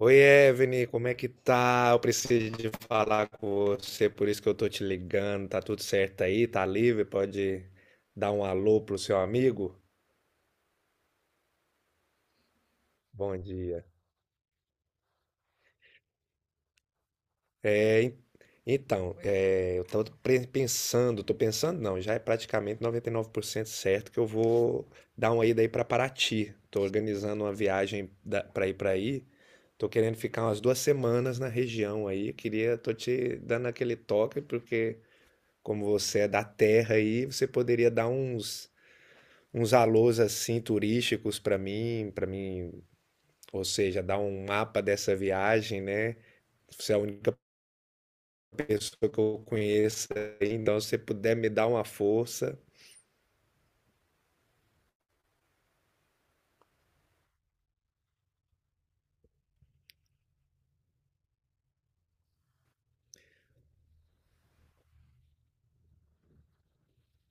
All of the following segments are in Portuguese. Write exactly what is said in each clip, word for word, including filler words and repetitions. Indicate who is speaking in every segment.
Speaker 1: Oi, Evne, como é que tá? Eu preciso de falar com você, por isso que eu tô te ligando. Tá tudo certo aí? Tá livre? Pode dar um alô pro seu amigo? Bom dia. É, en- então, é, eu tô pre- pensando, tô pensando não, já é praticamente noventa e nove por cento certo que eu vou dar uma ida aí pra Paraty. Tô organizando uma viagem da, pra ir pra aí. Tô querendo ficar umas duas semanas na região aí. Queria, tô te dando aquele toque porque como você é da terra aí, você poderia dar uns uns alôs assim turísticos para mim, para mim, ou seja, dar um mapa dessa viagem, né? Você é a única pessoa que eu conheço, aí, então se você puder me dar uma força.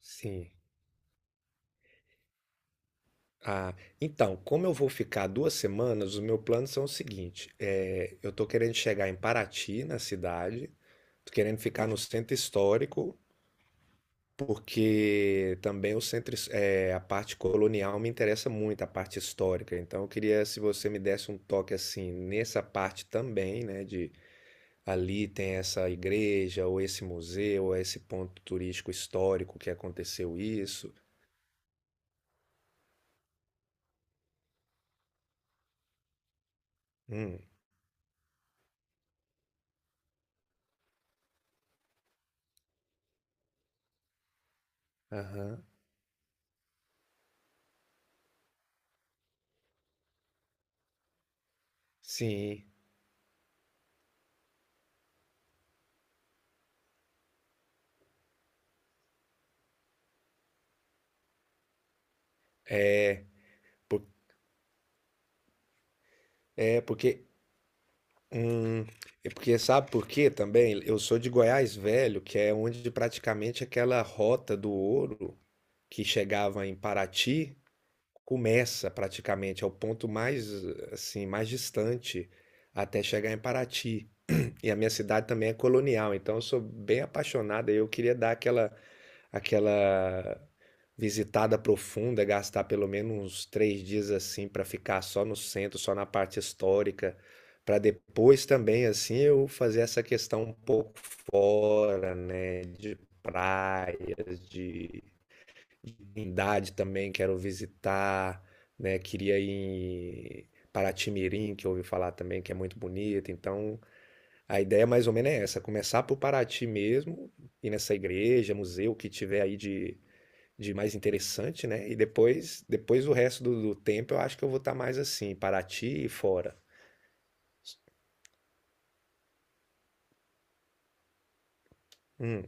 Speaker 1: Sim. Ah, então, como eu vou ficar duas semanas, os meus planos são o seguinte: é, eu tô querendo chegar em Paraty, na cidade, tô querendo ficar no centro histórico. Porque também o centro, his- é, a parte colonial me interessa muito, a parte histórica. Então, eu queria se você me desse um toque assim nessa parte também, né? De ali tem essa igreja, ou esse museu, ou esse ponto turístico histórico que aconteceu isso. Hum. Aham. Sim. Por- é porque. Hum, É porque sabe por quê também? Eu sou de Goiás Velho, que é onde praticamente aquela rota do ouro que chegava em Paraty. Começa praticamente, é o ponto mais, assim, mais distante até chegar em Paraty. E a minha cidade também é colonial, então eu sou bem apaixonado e eu queria dar aquela, aquela visitada profunda, gastar pelo menos uns três dias assim para ficar só no centro, só na parte histórica, para depois também assim eu fazer essa questão um pouco fora, né, de praias, de Trindade também quero visitar, né? Queria ir em Paraty-Mirim, que eu ouvi falar também que é muito bonito. Então, a ideia mais ou menos é essa, começar por Paraty mesmo, ir nessa igreja, museu o que tiver aí de, de mais interessante, né? E depois, depois o resto do, do tempo eu acho que eu vou estar mais assim, Paraty e fora. Hum,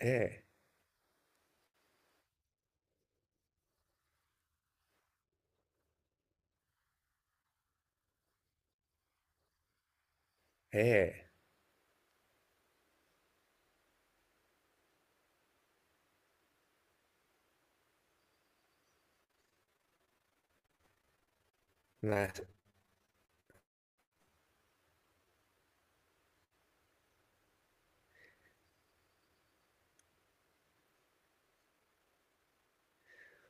Speaker 1: é, é. Na...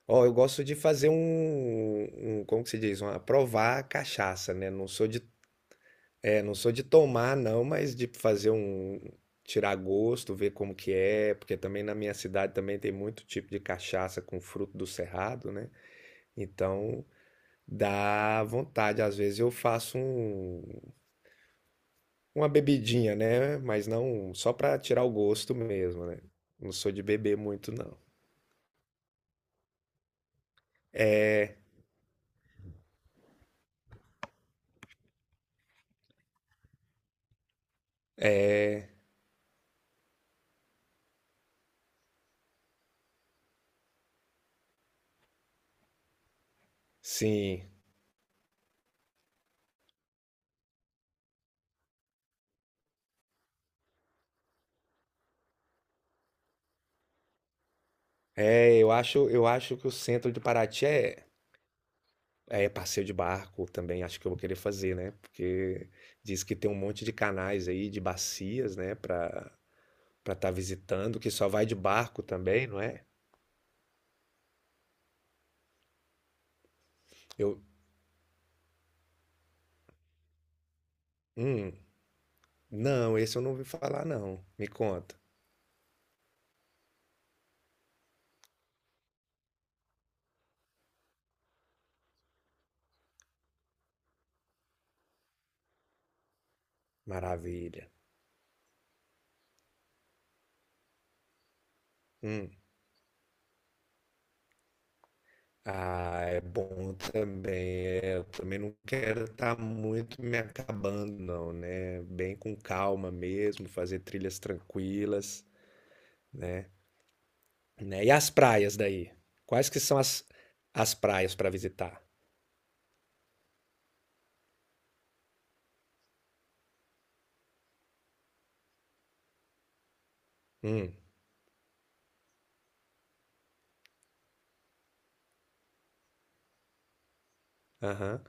Speaker 1: Ó, eu gosto de fazer um, um, como que se diz, uma provar cachaça, né? Não sou de É, não sou de tomar não, mas de fazer um tirar gosto, ver como que é, porque também na minha cidade também tem muito tipo de cachaça com fruto do cerrado, né? Então dá vontade, às vezes eu faço um, uma bebidinha, né? Mas não só para tirar o gosto mesmo, né? Não sou de beber muito não. Sim. É, eu acho, eu acho que o centro de Paraty é. É, passeio de barco também acho que eu vou querer fazer, né? Porque diz que tem um monte de canais aí, de bacias, né? Pra estar tá visitando, que só vai de barco também, não é? Eu, hum, não, esse eu não ouvi falar, não. Me conta. Maravilha. Hum. Ah, é bom também. É, eu também não quero estar muito me acabando, não, né? Bem com calma mesmo, fazer trilhas tranquilas, né? Né? E as praias daí? Quais que são as, as praias para visitar? Hum, aham.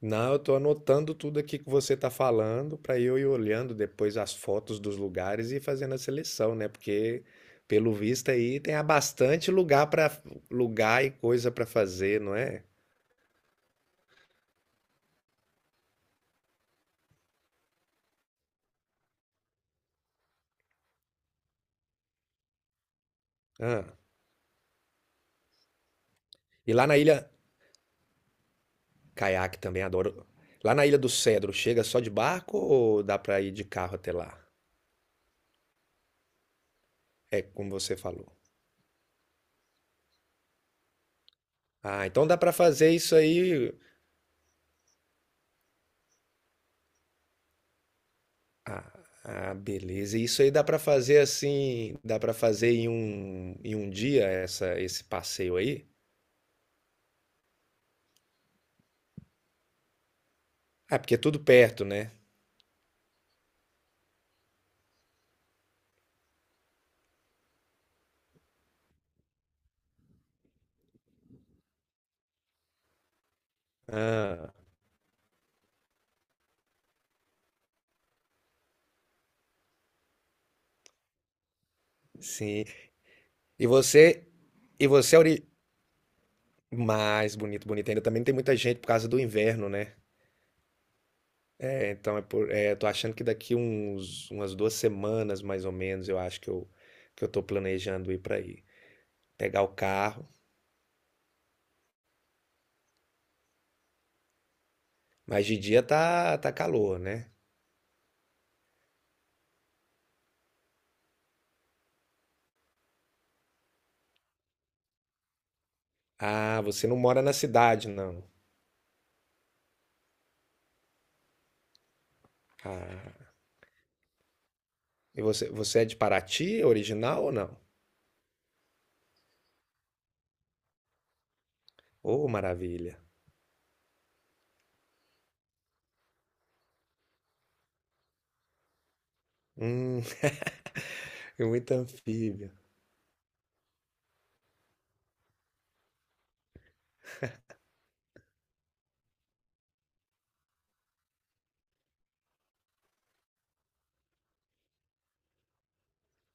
Speaker 1: Não, eu tô anotando tudo aqui que você tá falando para eu ir olhando depois as fotos dos lugares e fazendo a seleção, né? Porque pelo visto aí tem há bastante lugar para lugar e coisa para fazer, não é? Ah. E lá na ilha caiaque também adoro. Lá na Ilha do Cedro, chega só de barco ou dá para ir de carro até lá? É como você falou. Ah, então dá para fazer isso aí. Ah, ah, beleza. Isso aí dá pra fazer assim, dá pra fazer em um, em um dia essa, esse passeio aí? Ah, porque é tudo perto, né? Ah, sim. E você, e você é ori... mais bonito, bonito ainda. Também tem muita gente por causa do inverno, né? É, então é por, é, tô achando que daqui uns, umas duas semanas, mais ou menos, eu acho que eu, que eu tô planejando ir pra aí. Pegar o carro. Mas de dia tá, tá calor, né? Ah, você não mora na cidade, não. Ah. E você, você é de Paraty, original ou não? Oh, maravilha. Hum, é muito anfíbia.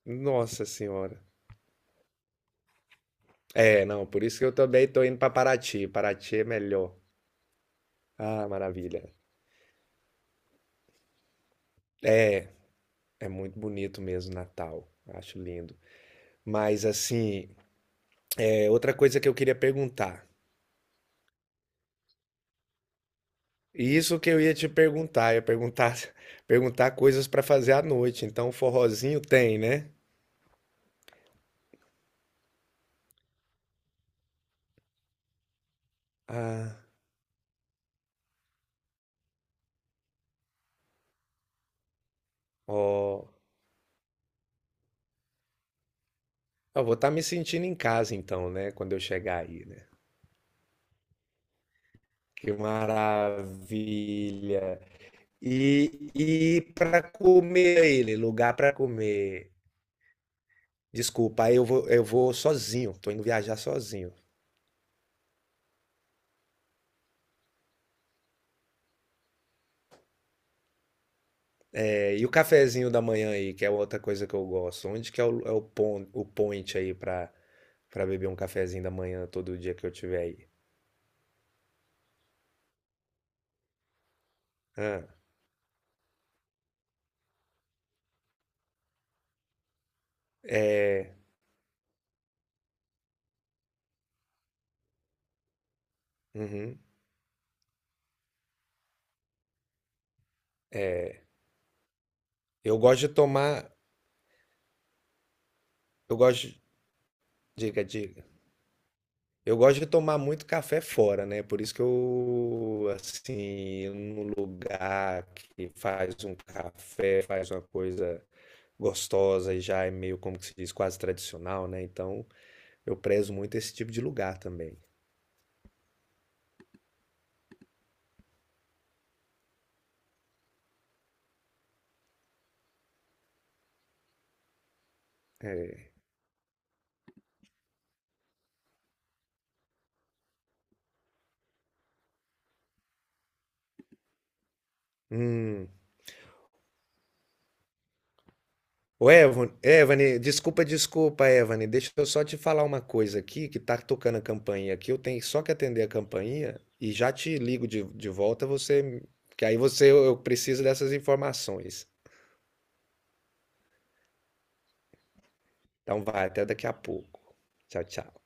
Speaker 1: Nossa senhora. É, não, por isso que eu também tô indo pra Paraty. Paraty é melhor. Ah, maravilha. É, é muito bonito mesmo Natal. Acho lindo. Mas assim, é outra coisa que eu queria perguntar. E isso que eu ia te perguntar, ia perguntar, perguntar coisas pra fazer à noite. Então, forrozinho tem, né? Ah, ó, eu vou estar me sentindo em casa então, né, quando eu chegar aí, né? Que maravilha! E, e para comer ele, lugar para comer. Desculpa, aí eu vou, eu vou sozinho, tô indo viajar sozinho. É, e o cafezinho da manhã aí, que é outra coisa que eu gosto. Onde que é o, é o, pon- o point aí pra, pra beber um cafezinho da manhã todo dia que eu tiver aí? Ah, é, uhum. Eu gosto de tomar. Eu gosto. de- Diga, diga. Eu gosto de tomar muito café fora, né? Por isso que eu, assim, num lugar que faz um café, faz uma coisa gostosa e já é meio, como que se diz, quase tradicional, né? Então, eu prezo muito esse tipo de lugar também. É. Hum. Ô, Evan- Evane, desculpa, desculpa, Evane. Deixa eu só te falar uma coisa aqui, que tá tocando a campainha aqui. Eu tenho só que atender a campainha e já te ligo de, de volta, você, que aí você, eu eu preciso dessas informações. Então vai, até daqui a pouco. Tchau, tchau.